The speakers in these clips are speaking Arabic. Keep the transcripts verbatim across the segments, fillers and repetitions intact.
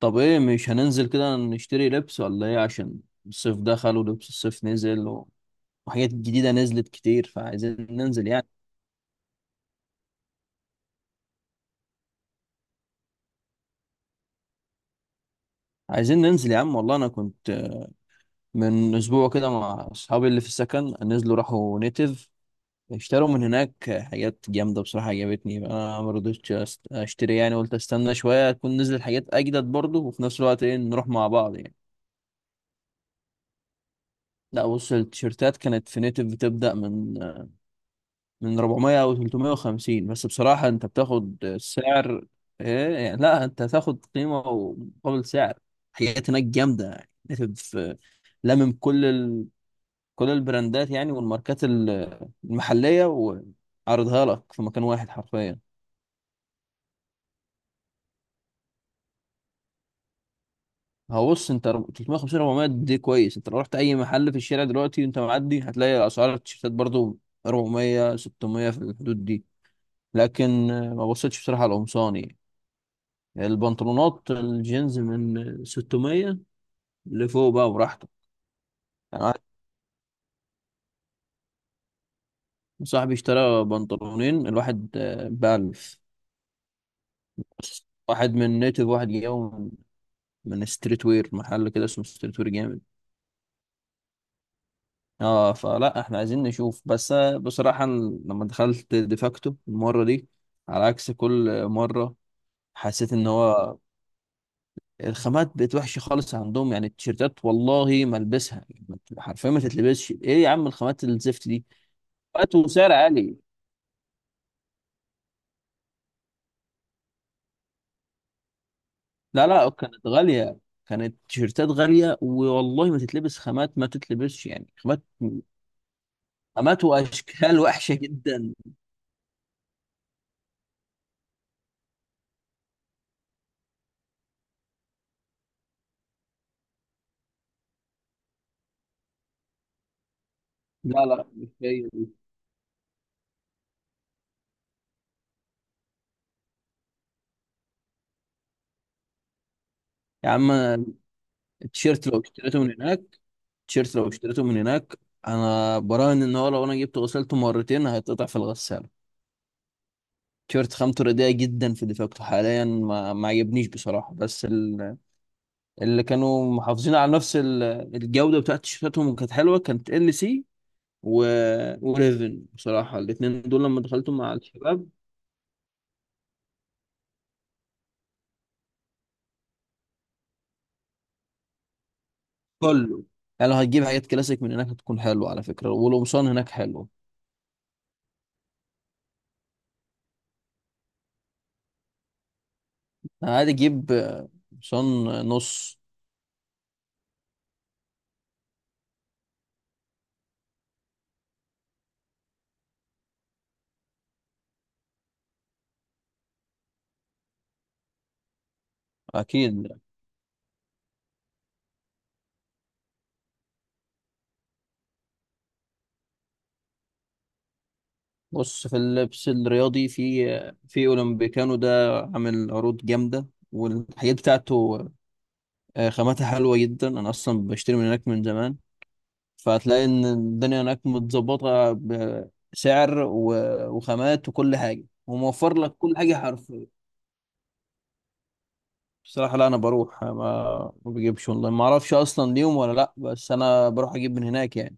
طب ايه مش هننزل كده نشتري لبس ولا ايه؟ عشان الصيف دخل ولبس الصيف نزل و- وحاجات جديدة نزلت كتير، فعايزين ننزل يعني. عايزين ننزل يا عم والله. انا كنت من اسبوع كده مع اصحابي اللي في السكن، نزلوا راحوا نيتيف اشتروا من هناك حاجات جامدة بصراحة. عجبتني، انا ما رضيتش أست- اشتري يعني. قلت استنى شوية تكون نزل حاجات اجدد برضه، وفي نفس الوقت ايه نروح مع بعض يعني. لا بص، التيشيرتات كانت في نيتيف بتبدأ من من أربعمائة او ثلاثمائة وخمسين، بس بصراحة انت بتاخد سعر ايه يعني؟ لا انت هتاخد قيمة ومقابل سعر. حاجات هناك جامدة يعني نتف- في- لمم كل ال... كل البراندات يعني، والماركات ال- المحلية، وعرضها لك في مكان واحد حرفيا. هو بص انت رب- تلتمية وخمسين أربعمية دي كويس. انت لو رحت اي محل في الشارع دلوقتي وانت معدي هتلاقي اسعار التيشيرتات برضو أربعمية ستمية في الحدود دي. لكن آه، ما بصيتش بصراحة على القمصان يعني. البنطلونات الجينز من ستمية لفوق، بقى براحتك. يعني واحد صاحبي اشترى بنطلونين الواحد ب ألف، واحد من نيتف، واحد جاي من من ستريت وير، محل كده اسمه ستريت وير جامد. اه، فلا احنا عايزين نشوف بس. آه، بصراحة أنا لما دخلت ديفاكتو المرة دي، على عكس كل مرة، حسيت ان هو الخامات بقت وحشة خالص عندهم. يعني التيشيرتات والله ما البسها حرفيا، ما تتلبسش. ايه يا عم الخامات الزفت دي؟ وقت وسعر عالي. لا لا كانت غالية. كانت تيشيرتات غالية والله، ما تتلبس خامات، ما تتلبسش يعني خامات. خامات وأشكال وحشة جدا. لا لا مش هي دي. يا عم التيشيرت لو اشتريته من هناك التيشيرت لو اشتريته من هناك. أنا براهن إن هو لو أنا جبته غسلته مرتين هيتقطع في الغسالة. تيشيرت خامته رديئة جدا في دفاكته حاليا، ما, ما عجبنيش بصراحة. بس ال... اللي كانوا محافظين على نفس ال- الجودة بتاعت تيشيرتاتهم وكانت حلوة، كانت ال سي و... وريفن. بصراحة الاتنين دول لما دخلتهم مع الشباب كله. يعني لو هتجيب حاجات كلاسيك من هناك هتكون حلوة على فكرة، والقمصان هناك حلو. يعني عادي، جيب آه، قمصان نص. أكيد. بص، في اللبس الرياضي، في آه، في أولمبيكانو ده عامل عروض جامدة، والحاجات بتاعته آه، خاماتها حلوة جدا. أنا أصلا بشتري من هناك من زمان، فهتلاقي إن الدنيا هناك متظبطة، بسعر و- وخامات وكل حاجة، وموفر لك كل حاجة حرفيا. بصراحة لا، أنا بروح، ما ما بجيبش أونلاين، ما أعرفش أصلا ليهم ولا لأ، بس أنا بروح أجيب من هناك يعني.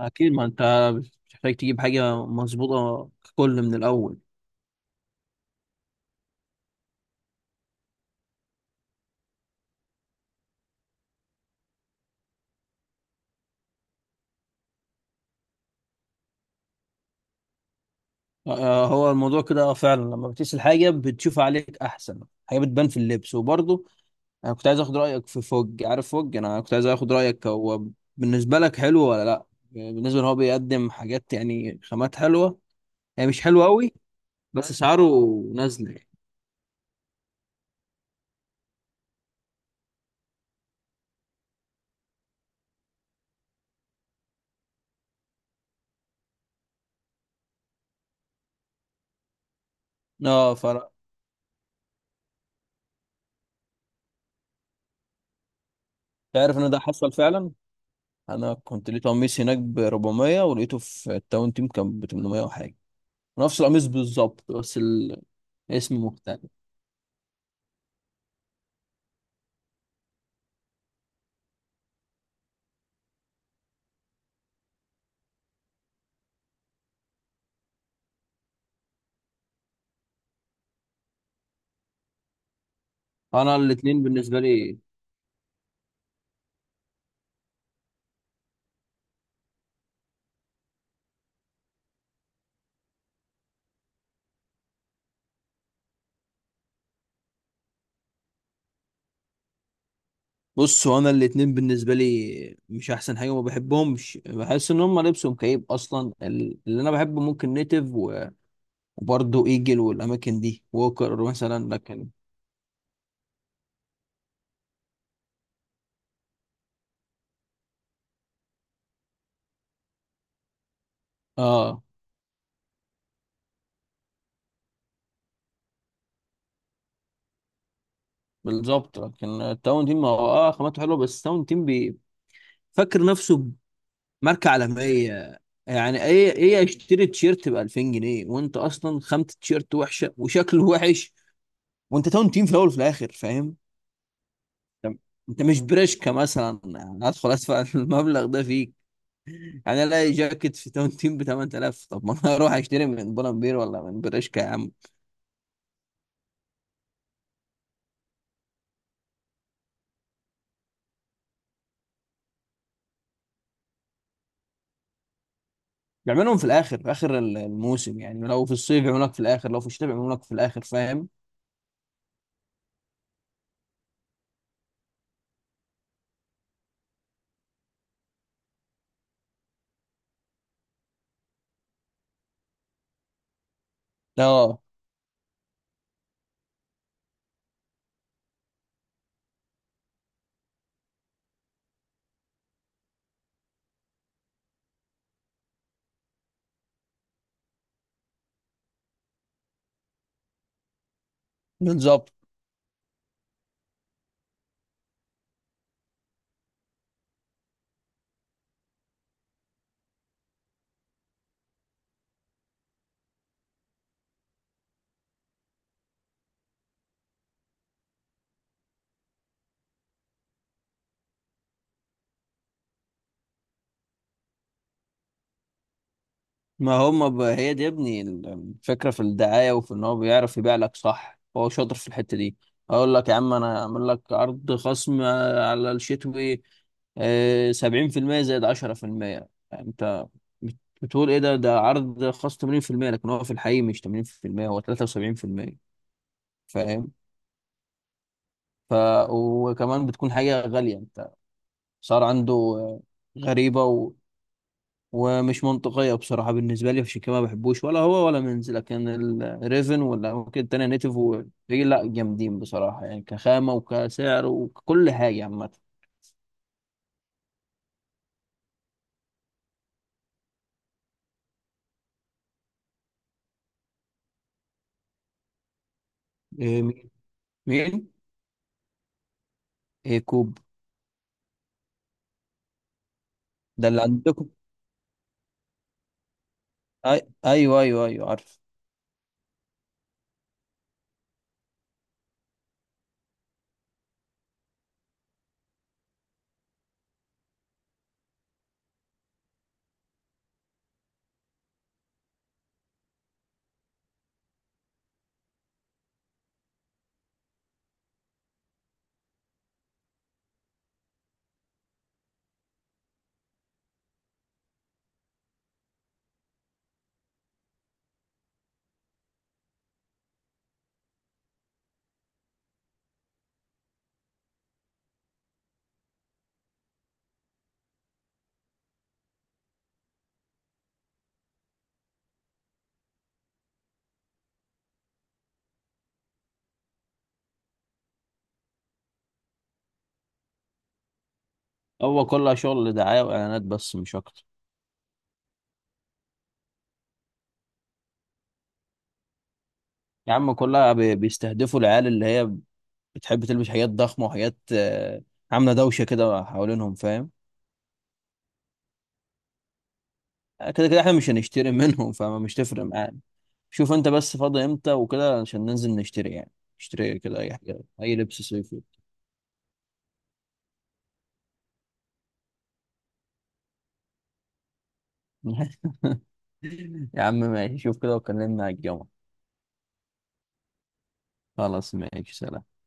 أكيد، ما أنت بتحتاج تجيب حاجة مظبوطة ككل من الأول. آه، آه، هو الموضوع كده. آه، فعلا لما بتقيس الحاجة بتشوف عليك أحسن حاجة، بتبان في اللبس. وبرضه أنا كنت عايز آخد رأيك في فوج. عارف فوج؟ أنا كنت عايز آخد رأيك، هو بالنسبة لك حلو ولا لأ؟ بالنسبة إن هو بيقدم حاجات، يعني خامات حلوة. هي مش حلوة أوي، بس أسعاره نازلة يعني. أه فرق. تعرف إن ده حصل فعلا؟ انا كنت لقيت قميص هناك ب أربعمية، ولقيته في التاون تيم كان ب تمنمية وحاجه. نفس القميص بالظبط بس الاسم مختلف. انا الاتنين بالنسبه لي. بص، هو انا الاتنين بالنسبه لي مش احسن حاجه، وما بحبهمش. بحس ان هم لبسهم كئيب اصلا. ال- اللي انا بحبه ممكن نيتف و- وبرضه ايجل والاماكن دي، ووكر مثلا. لكن اه، بالظبط. لكن التاون تيم هو اه خامته حلوه، بس التاون تيم بي فاكر نفسه ماركة عالمية. يعني ايه ايه اشتري تيشيرت ب ألفين جنيه وانت اصلا خامة التيشيرت وحشة وشكله وحش؟ وانت تاون تيم في الاول وفي الاخر، فاهم؟ انت أنت مش بريشكا مثلا هدخل ادفع المبلغ ده فيك. يعني الاقي جاكيت في تاون تيم ب ثمانية آلاف، طب ما انا اروح اشتري من بولمبير ولا من بريشكا يا عم. يعملهم في الاخر، في اخر الموسم، يعني لو في الصيف يعملوا لك في الاخر، لو في الشتاء يعملوا لك في الاخر، فاهم. اه بالظبط. ما هم ب... هي دي يا ابني الفكرة، في الدعاية، وفي ان هو بيعرف يبيع لك صح. هو شاطر في الحتة دي. اقول لك يا عم، انا اعمل لك عرض خصم على الشتوي سبعين في المية زائد عشرة في المية، انت بت- بتقول ايه ده ده عرض خاص تمانين في المية، لكن هو في الحقيقة مش تمانين في المية، هو تلاتة وسبعين في المية. فاهم. ف وكمان بتكون حاجة غالية، انت صار عنده آه، غريبة ومش منطقية بصراحة بالنسبة لي. عشان كده ما بحبوش، ولا هو ولا منز. لكن الريفن، ولا ممكن التانية نيتف و... إيه، لا جامدين بصراحة يعني، كخامة وكسعر وكل حاجة عامة. إيه، مين؟ مين؟ إيه كوب ده اللي عندكم؟ أي... أيوه أيوه أيوه عارف. هو كلها شغل دعاية وإعلانات بس، مش أكتر. يا عم كلها بي- بيستهدفوا العيال اللي هي بتحب تلبس حاجات ضخمة وحاجات آه، عاملة دوشة كده حوالينهم، فاهم. كده كده احنا مش هنشتري منهم، فمش تفرق معانا. شوف انت بس فاضي امتى وكده، عشان ننزل نشتري يعني. نشتري كده اي حاجه، اي لبس صيفي. يا عم ماشي، شوف كده وكلمنا على الجمعة. خلاص ماشي، سلام.